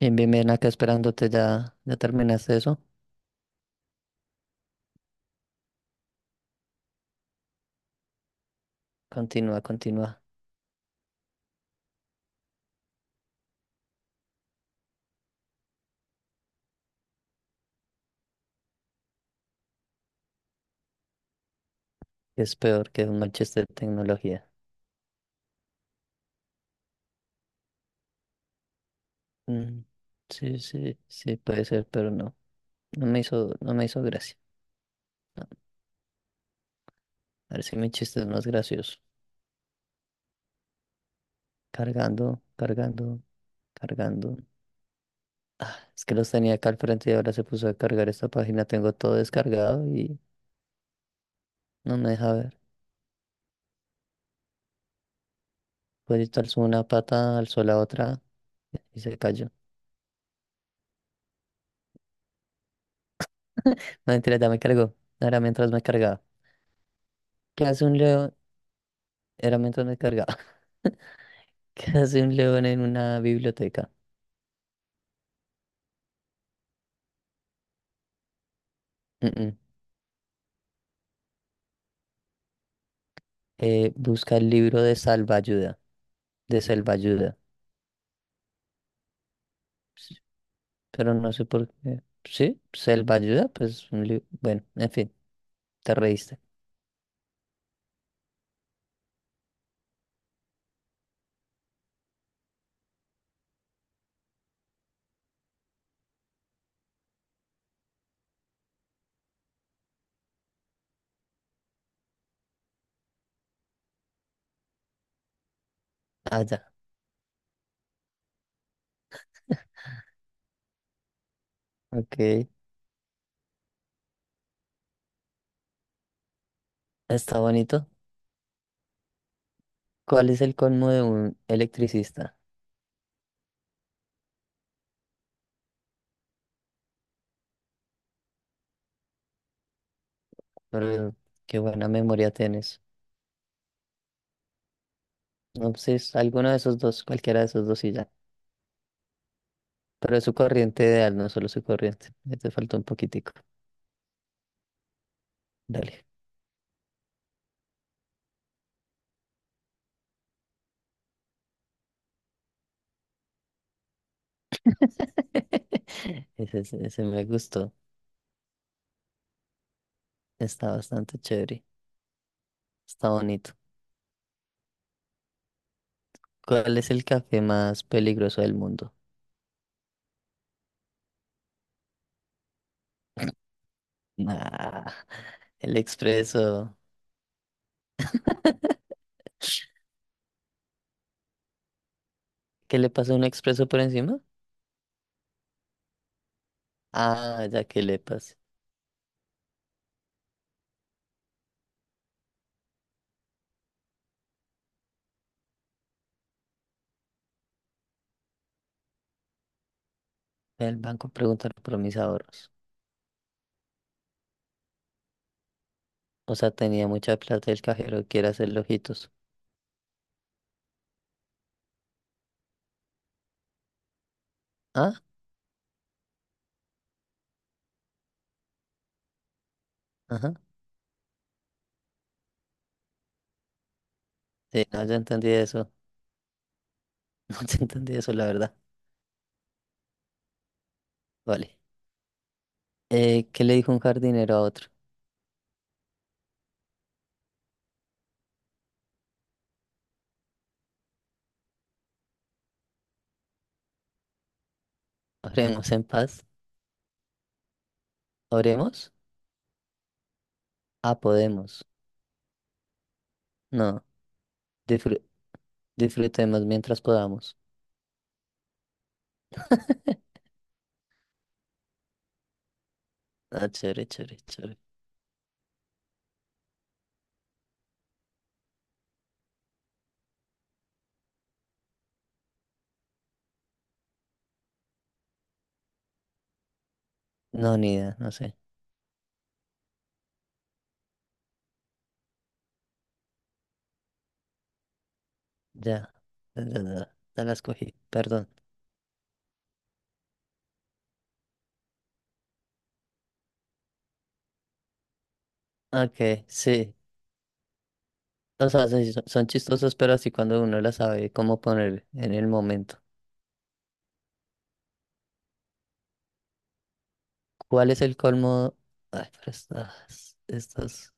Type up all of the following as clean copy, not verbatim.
Bien, bien, bien, acá esperándote, ya, ya terminaste eso. Continúa, continúa. Es peor que un Manchester tecnología. Mm, sí, sí, sí, puede ser, pero no. No me hizo gracia. A ver si mi chiste es más gracioso. Cargando, cargando, cargando. Es que los tenía acá al frente y ahora se puso a cargar esta página. Tengo todo descargado y no me deja ver. Pues alzó una pata, alzó la otra y se cayó. No, mentira, ya me cargó. Era mientras me cargaba. ¿Qué hace un león? Era mientras me cargaba. ¿Qué hace un león en una biblioteca? Mm, mm. Busca el libro de salvaayuda, de selvaayuda. Sí, pero no sé por qué. ¿Sí? ¿Selvaayuda? Pues un libro. Bueno, en fin, te reíste. Ah, ya. Ok. Está bonito. ¿Cuál es el colmo de un electricista? Pero qué buena memoria tienes. No, pues es alguno de esos dos, cualquiera de esos dos y ya. Pero es su corriente ideal, no solo su corriente. Ya te faltó un poquitico. Dale. Ese me gustó. Está bastante chévere. Está bonito. ¿Cuál es el café más peligroso del mundo? Ah, el expreso. ¿Qué le pasa a un expreso por encima? Ah, ya que le pasa. El banco pregunta por mis ahorros. O sea, tenía mucha plata y el cajero quiere hacerle ojitos. Ah, ajá. Sí, no, ya entendí eso. No, ya entendí eso, la verdad. Vale. ¿Qué le dijo un jardinero a otro? ¿Oremos en paz? ¿Oremos? Ah, podemos. No, disfru- disfrutemos mientras podamos. Ah, chévere, chévere, chévere. No, ni idea, no sé. Ya, ya, ya, ya ya las cogí, perdón. Ok, sí. O sea, sí, son chistosos, pero así cuando uno las sabe cómo poner en el momento. ¿Cuál es el colmo? Ay, pero estas, estas,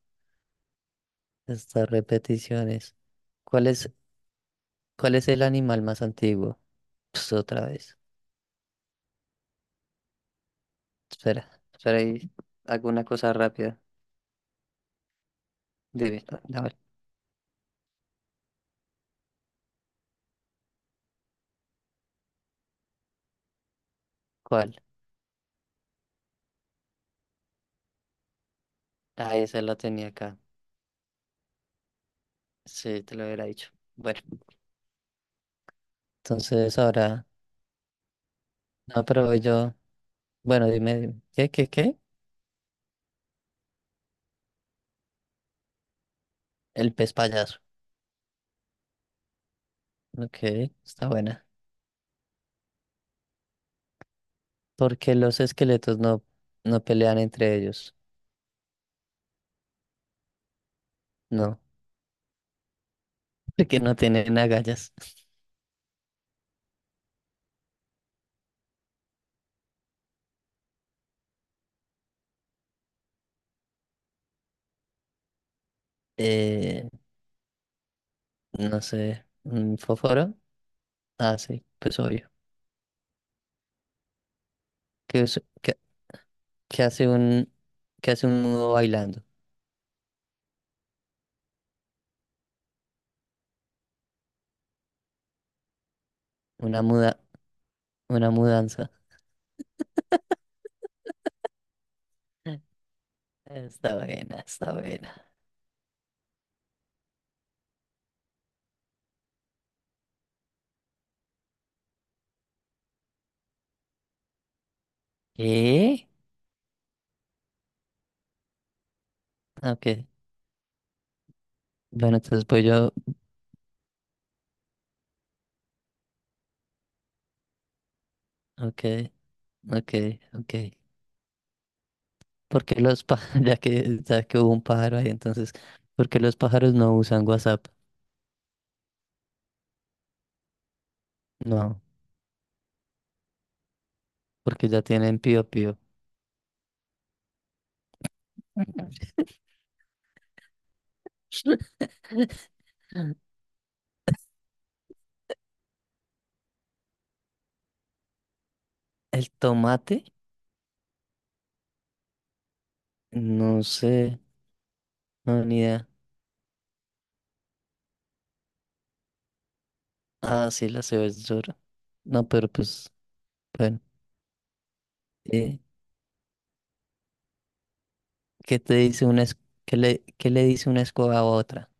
estas repeticiones. ¿Cuál es, cuál es el animal más antiguo? Pues otra vez. Espera, espera ahí. Hago una cosa rápida. Dime, a ver, ¿cuál? Ah, esa la tenía acá. Sí, te lo hubiera dicho. Bueno. Entonces ahora, aprovecho bueno, dime, dime, ¿qué? El pez payaso. Ok, está buena. Porque los esqueletos no, no pelean entre ellos. No, porque no tienen agallas. Eh, no sé, ¿un fósforo? Ah, sí, pues obvio. ¿Qué, es- qué- qué hace un, qué hace un mudo bailando? Una muda, una mudanza. Está buena, está buena. ¿Qué? Ok. Bueno, entonces voy yo. Ok, ok, ok. Porque los pájaros, ya que hubo un pájaro ahí, entonces, ¿por qué los pájaros no usan WhatsApp? No, porque ya tienen pío pío. El tomate, no sé, no, ni idea. Ah, sí, la cebolla. No, pero pues, bueno. eh, ¿qué te dice una es- ¿Qué le dice una escoba a otra?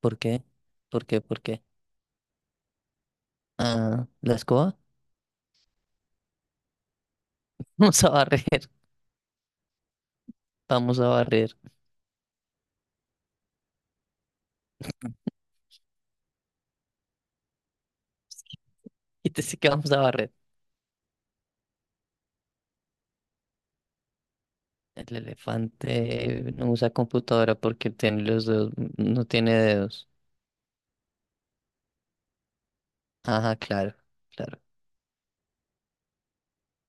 ¿Por qué? ¿Por qué? ¿Por qué? Ah, ¿la escoba? Vamos a barrer, vamos a barrer. Y te sí que vamos a barrer. El elefante no usa computadora porque tiene los dedos, no tiene dedos. Ajá, claro, claro.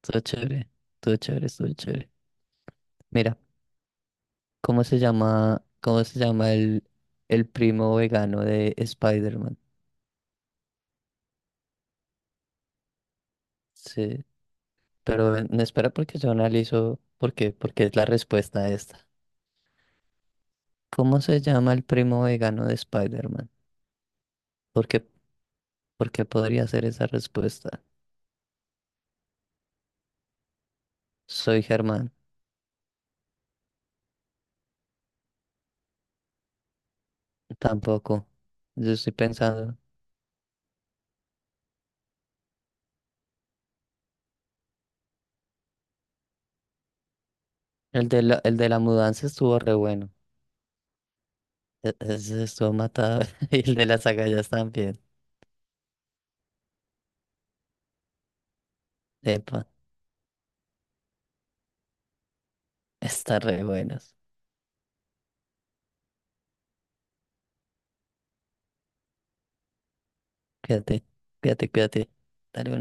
Todo chévere, todo chévere, todo chévere. Mira, ¿cómo se llama el primo vegano de Spider-Man? Sí, pero ven, no espera porque yo analizo por qué, porque es la respuesta a esta. ¿Cómo se llama el primo vegano de Spider-Man? ¿Por qué, por qué podría ser esa respuesta? Soy Germán. Tampoco. Yo estoy pensando. El de la mudanza estuvo re bueno. Ese estuvo matado. Y el de las agallas también. Epa, están re buenos. Cuídate, cuídate, cuídate. Dale una